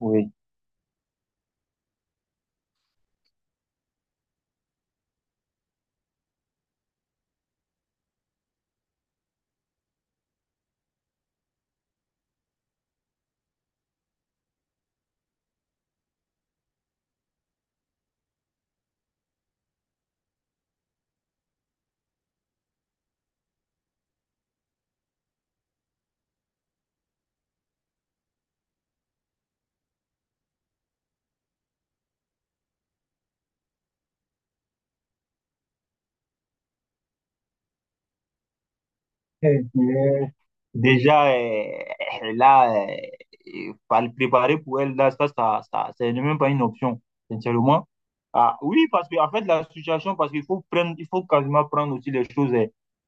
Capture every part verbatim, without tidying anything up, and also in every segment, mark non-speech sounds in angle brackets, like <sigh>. Oui. Eh bien, Déjà, euh, là, euh, et par le préparer pour elle, là, ça, ça, ça, c'est même pas une option, sincèrement. Ah, oui, parce que, en fait, la situation, parce qu'il faut prendre, il faut quasiment prendre aussi les choses. euh,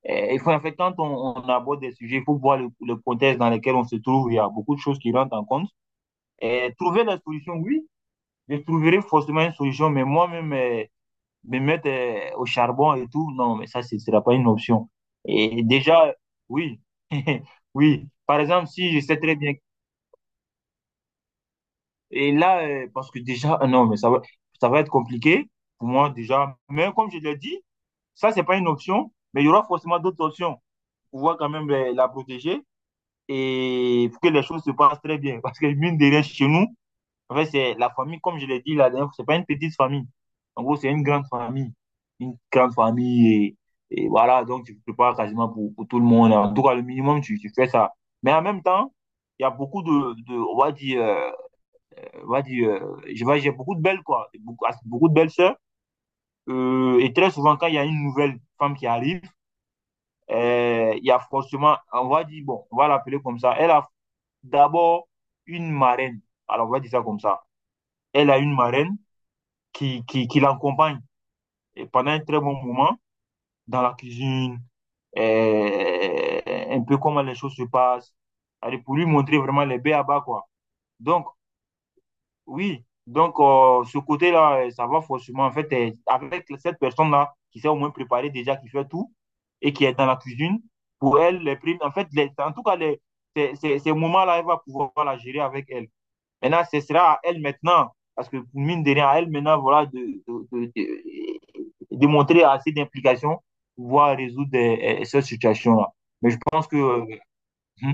euh, il faut, en fait, quand on, on aborde des sujets, il faut voir le, le contexte dans lequel on se trouve. Il y a beaucoup de choses qui rentrent en compte. Et trouver la solution, oui, je trouverai forcément une solution, mais moi-même, euh, me mettre euh, au charbon et tout, non, mais ça, ce ne sera pas une option. Et déjà, oui, <laughs> oui. Par exemple, si je sais très bien, et là, euh, parce que déjà, euh, non, mais ça va, ça va être compliqué pour moi déjà. Mais comme je l'ai dit, ça, c'est pas une option, mais il y aura forcément d'autres options pour pouvoir quand même euh, la protéger et pour que les choses se passent très bien. <laughs> Parce que mine de rien, chez nous, en fait, c'est la famille, comme je l'ai dit la dernière fois, c'est pas une petite famille. En gros, c'est une grande famille. Une grande famille. Et, et voilà, donc tu te prépares quasiment pour, pour tout le monde. En tout cas, le minimum, tu, tu fais ça. Mais en même temps, il y a beaucoup de, de on va dire, euh, on va dire, euh, je vais- j'ai beaucoup de belles, quoi. Beaucoup, beaucoup de belles sœurs. Euh, et très souvent, quand il y a une nouvelle femme qui arrive, euh, il y a forcément, on va dire, bon, on va l'appeler comme ça. Elle a d'abord une marraine. Alors, on va dire ça comme ça. Elle a une marraine qui, qui, qui l'accompagne et pendant un très bon moment dans la cuisine, euh, un peu comment les choses se passent. Allez, pour lui montrer vraiment les baies à bas, quoi. Donc, oui, donc euh, ce côté-là, euh, ça va forcément, en fait, euh, avec cette personne-là qui s'est au moins préparée déjà, qui fait tout et qui est dans la cuisine, pour elle, les primes, en fait, les- en tout cas, les, ces, ces- ces moments-là, elle va pouvoir la gérer avec elle. Maintenant, ce sera à elle maintenant, parce que mine de rien, à elle maintenant, voilà, de, de, de, de, de montrer assez d'implication pour pouvoir résoudre euh, euh, cette situation-là. Mais je pense que euh, hmm,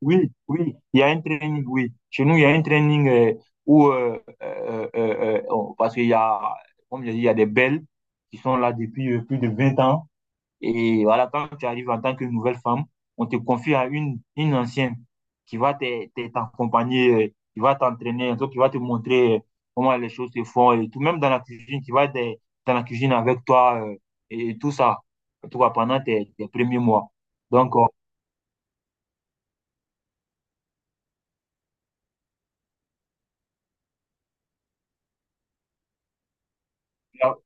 oui, oui, il y a un training, oui. Chez nous, il y a un training euh, où, euh, euh, euh, euh, parce qu'il y a, comme je dis, il y a des belles qui sont là depuis euh, plus de vingt ans. Et voilà, quand tu arrives en tant que nouvelle femme, on te confie à une, une ancienne qui va t'e- t'e- t'accompagner, euh, qui va t'entraîner, donc qui va te montrer euh, comment les choses se font et tout, même dans la cuisine, qui va être euh, dans la cuisine avec toi euh, et, et tout ça, en tout cas pendant tes, tes premiers mois. Donc, euh, la,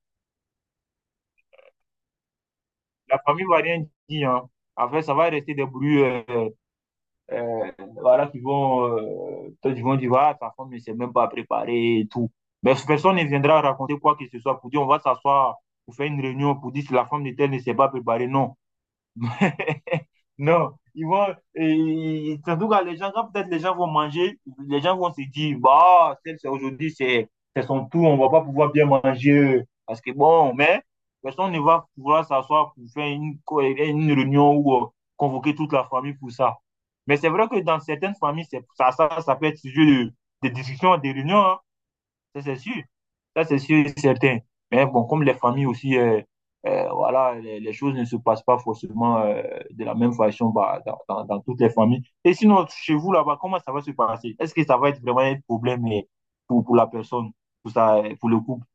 la famille va rien dire, hein. Après, ça va rester des bruits. euh, euh, voilà, qui vont, euh, peut-être ils vont dire, ah, ta femme ne s'est même pas préparée et tout. Mais personne ne viendra raconter quoi que ce soit pour dire, on va s'asseoir pour faire une réunion pour dire si la femme de tel ne s'est pas préparée. Non. Non, ils vont, et, surtout quand les gens, quand peut-être les gens vont manger, les gens vont se dire, bah, celle, c'est aujourd'hui, c'est c'est son tour, on va pas pouvoir bien manger, parce que bon, mais personne ne va pouvoir s'asseoir pour faire une, co- une réunion ou euh, convoquer toute la famille pour ça. Mais c'est vrai que dans certaines familles, c'est, ça, ça, ça peut être sujet de, de discussion, de réunion, hein. Ça, c'est sûr. Ça, c'est sûr et certain. Mais bon, comme les familles aussi, euh, euh, voilà, les, les choses ne se passent pas forcément euh, de la même façon bah, dans, dans- dans toutes les familles. Et sinon, chez vous là-bas, comment ça va se passer? Est-ce que ça va être vraiment un problème euh, pour, pour la personne, pour ça, euh, pour le couple?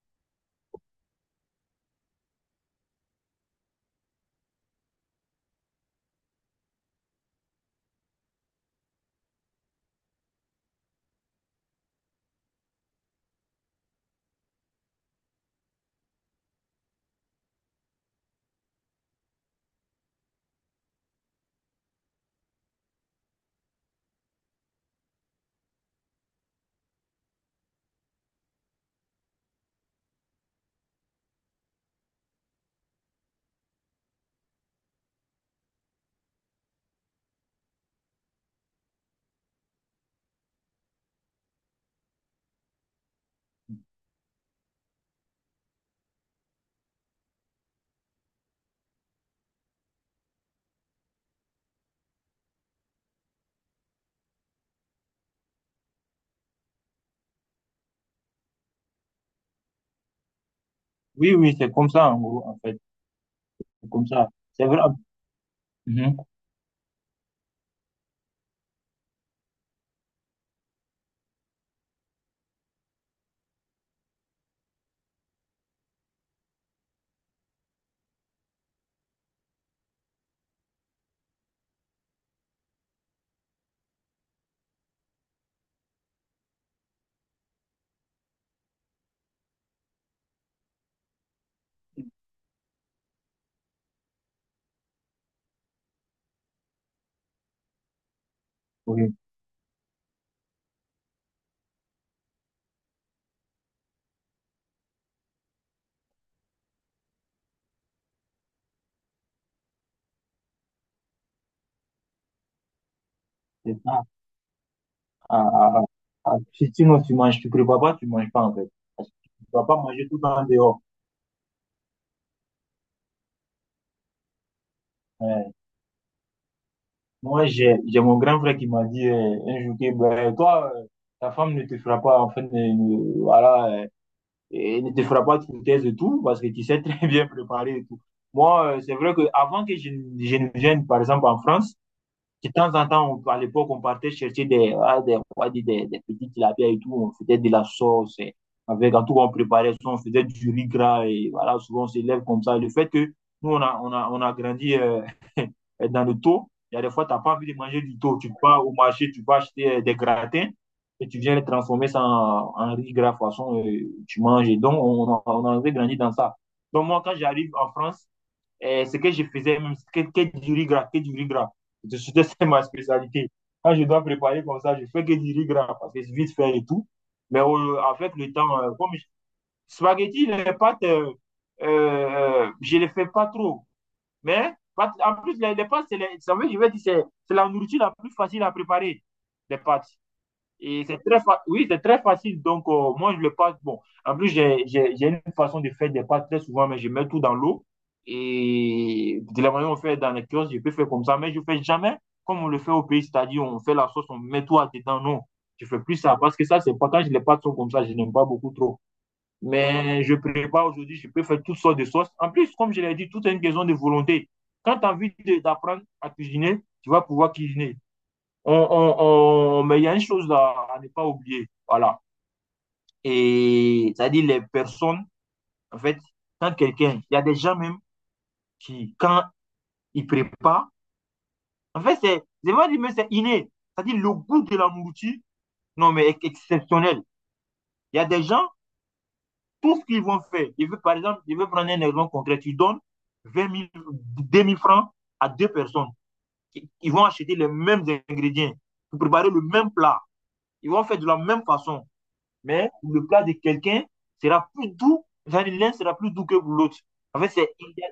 Oui, oui, c'est comme ça, en gros, en fait. C'est comme ça. C'est vrai. Mhm. Oui, c'est ça. Ah, ah, ah. Ah, si- Sinon, tu manges, tu prépares pas, tu manges pas, en fait. Parce que tu ne vas pas manger tout le temps dehors. Euh, Moi, j'ai, j'ai mon grand frère qui m'a dit euh, un jour que ben, toi, euh, ta femme ne te fera pas, enfin, ne, ne- voilà, euh, et ne te fera pas de foutaise et tout, parce que tu sais très <laughs> bien préparer et tout. Moi, euh, c'est vrai que avant que je, ne je ne vienne, par exemple, en France, de temps en temps, on- à l'époque, on partait chercher des, ah, des, on va dire des, des petits tilapia et tout. On faisait de la sauce. Et avec, en tout cas, on préparait ça. On faisait du riz gras. Et voilà, souvent, on s'élève comme ça. Et le fait que nous, on a, on a, on a grandi euh, <laughs> dans le taux. Il y a des fois, tu n'as pas envie de manger du taux. Tu vas au marché, tu vas acheter euh, des gratins. Et tu viens les transformer ça en, en riz gras, façon, euh, tu manges. Et donc, on, on a, on a grandi dans ça. Donc, moi, quand j'arrive en France, et ce que je faisais, même, que, que du riz gras, que du riz gras. C'était ma spécialité. Quand je dois préparer comme ça, je fais que du riz gras parce que c'est vite fait et tout. Mais euh, avec le temps, euh, comme je... spaghetti, les pâtes, euh, euh, je ne les fais pas trop. Mais pâtes, en plus, les, les pâtes, c'est la nourriture la plus facile à préparer, les pâtes. Et c'est très, fa- oui, c'est très facile. Donc, euh, moi, je le passe. Bon, en plus, j'ai j'ai- j'ai une façon de faire des pâtes très souvent, mais je mets tout dans l'eau. Et de la manière dont on fait dans les kiosques, je peux faire comme ça, mais je ne fais jamais comme on le fait au pays, c'est-à-dire on fait la sauce, on met tout à dedans. Non, je ne fais plus ça parce que ça, c'est pas quand les pâtes sont comme ça, je n'aime pas beaucoup trop. Mais je prépare aujourd'hui, je peux faire toutes sortes de sauces. En plus, comme je l'ai dit, tout est une question de volonté. Quand tu as envie de- d'apprendre à cuisiner, tu vas pouvoir cuisiner on, on, on- mais il y a une chose à, à ne pas oublier. Voilà. Et c'est-à-dire les personnes, en fait, quand quelqu'un, il y a des gens même qui, quand ils préparent, en fait, c'est, c'est vais dire, mais c'est inné. C'est-à-dire le goût de la nourriture, non, mais est exceptionnel. Il y a des gens, tout ce qu'ils vont faire, je veux, par exemple, je veux prendre un exemple concret, tu donnes vingt mille deux mille francs à deux personnes. Ils vont acheter les mêmes ingrédients pour préparer le même plat. Ils vont faire de la même façon. Mais le plat de quelqu'un sera plus doux, l'un sera plus doux que l'autre. En fait, c'est, il, y a,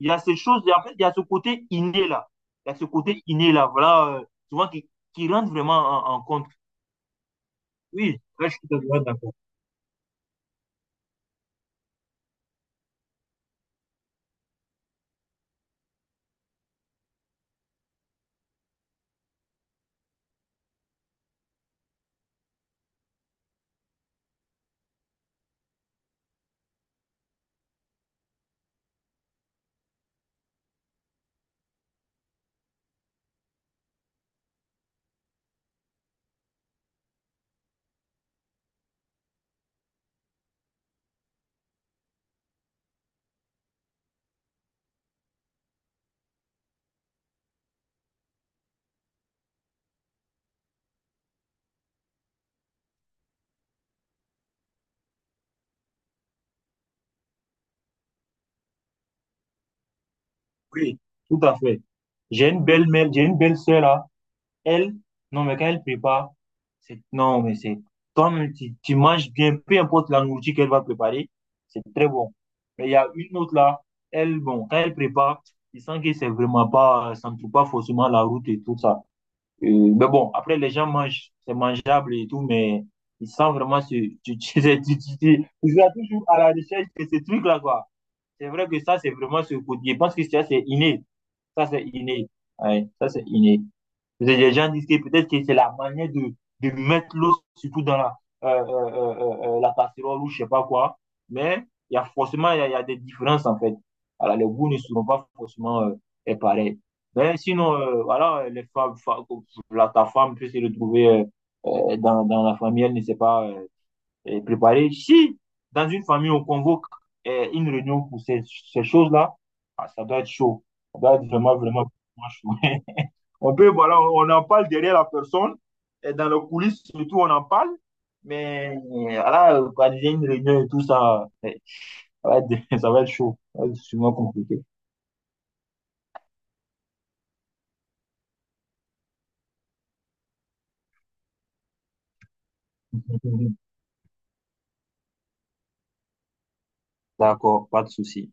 il y a ces choses, en fait, il y a ce côté inné là. Il y a ce côté inné là, voilà, euh, souvent qui, qui rentre vraiment en, en compte. Oui, là, je suis tout à fait d'accord. Oui, tout à fait. J'ai une belle mère, j'ai une belle sœur là. Elle, non, mais quand elle prépare, c'est, non, mais c'est, comme tu, tu manges bien, peu importe la nourriture qu'elle va préparer, c'est très bon. Mais il y a une autre là, elle, bon, quand elle prépare, tu sens que c'est vraiment pas, ça ne trouve pas forcément la route et tout ça. Euh, mais bon, après, les gens mangent, c'est mangeable et tout, mais ils sentent vraiment ce, tu, tu, <laughs> tu, tu, tu- tu- ils sont toujours à la recherche de ces trucs-là, quoi. C'est vrai que ça, c'est vraiment ce côté. Je pense que ça, c'est inné. Ça, c'est inné. Ouais, ça, c'est inné. Les gens disent que peut-être que c'est la manière de, de mettre l'eau surtout dans la, euh, euh, euh, euh, euh, euh, la casserole ou je sais pas quoi. Mais il y a forcément il y a, il y a des différences en fait. Alors, les goûts ne seront pas forcément euh, pareils. Mais sinon, euh, voilà, les femmes, fa- la, ta femme peut se retrouver euh, euh, dans, dans la famille, elle ne sait pas euh, préparer. Si dans une famille on convoque euh, une réunion pour ces, ces choses-là, ah, ça doit être chaud. Ça doit être vraiment, vraiment vraiment chaud. <laughs> On peut, voilà, on, en parle derrière la personne, et dans le coulisses surtout, on en parle, mais euh, voilà, quand il y a une réunion et tout ça, euh, ça va être, <laughs> ça va être chaud, ça va être sûrement compliqué. <laughs> D'accord, pas de souci.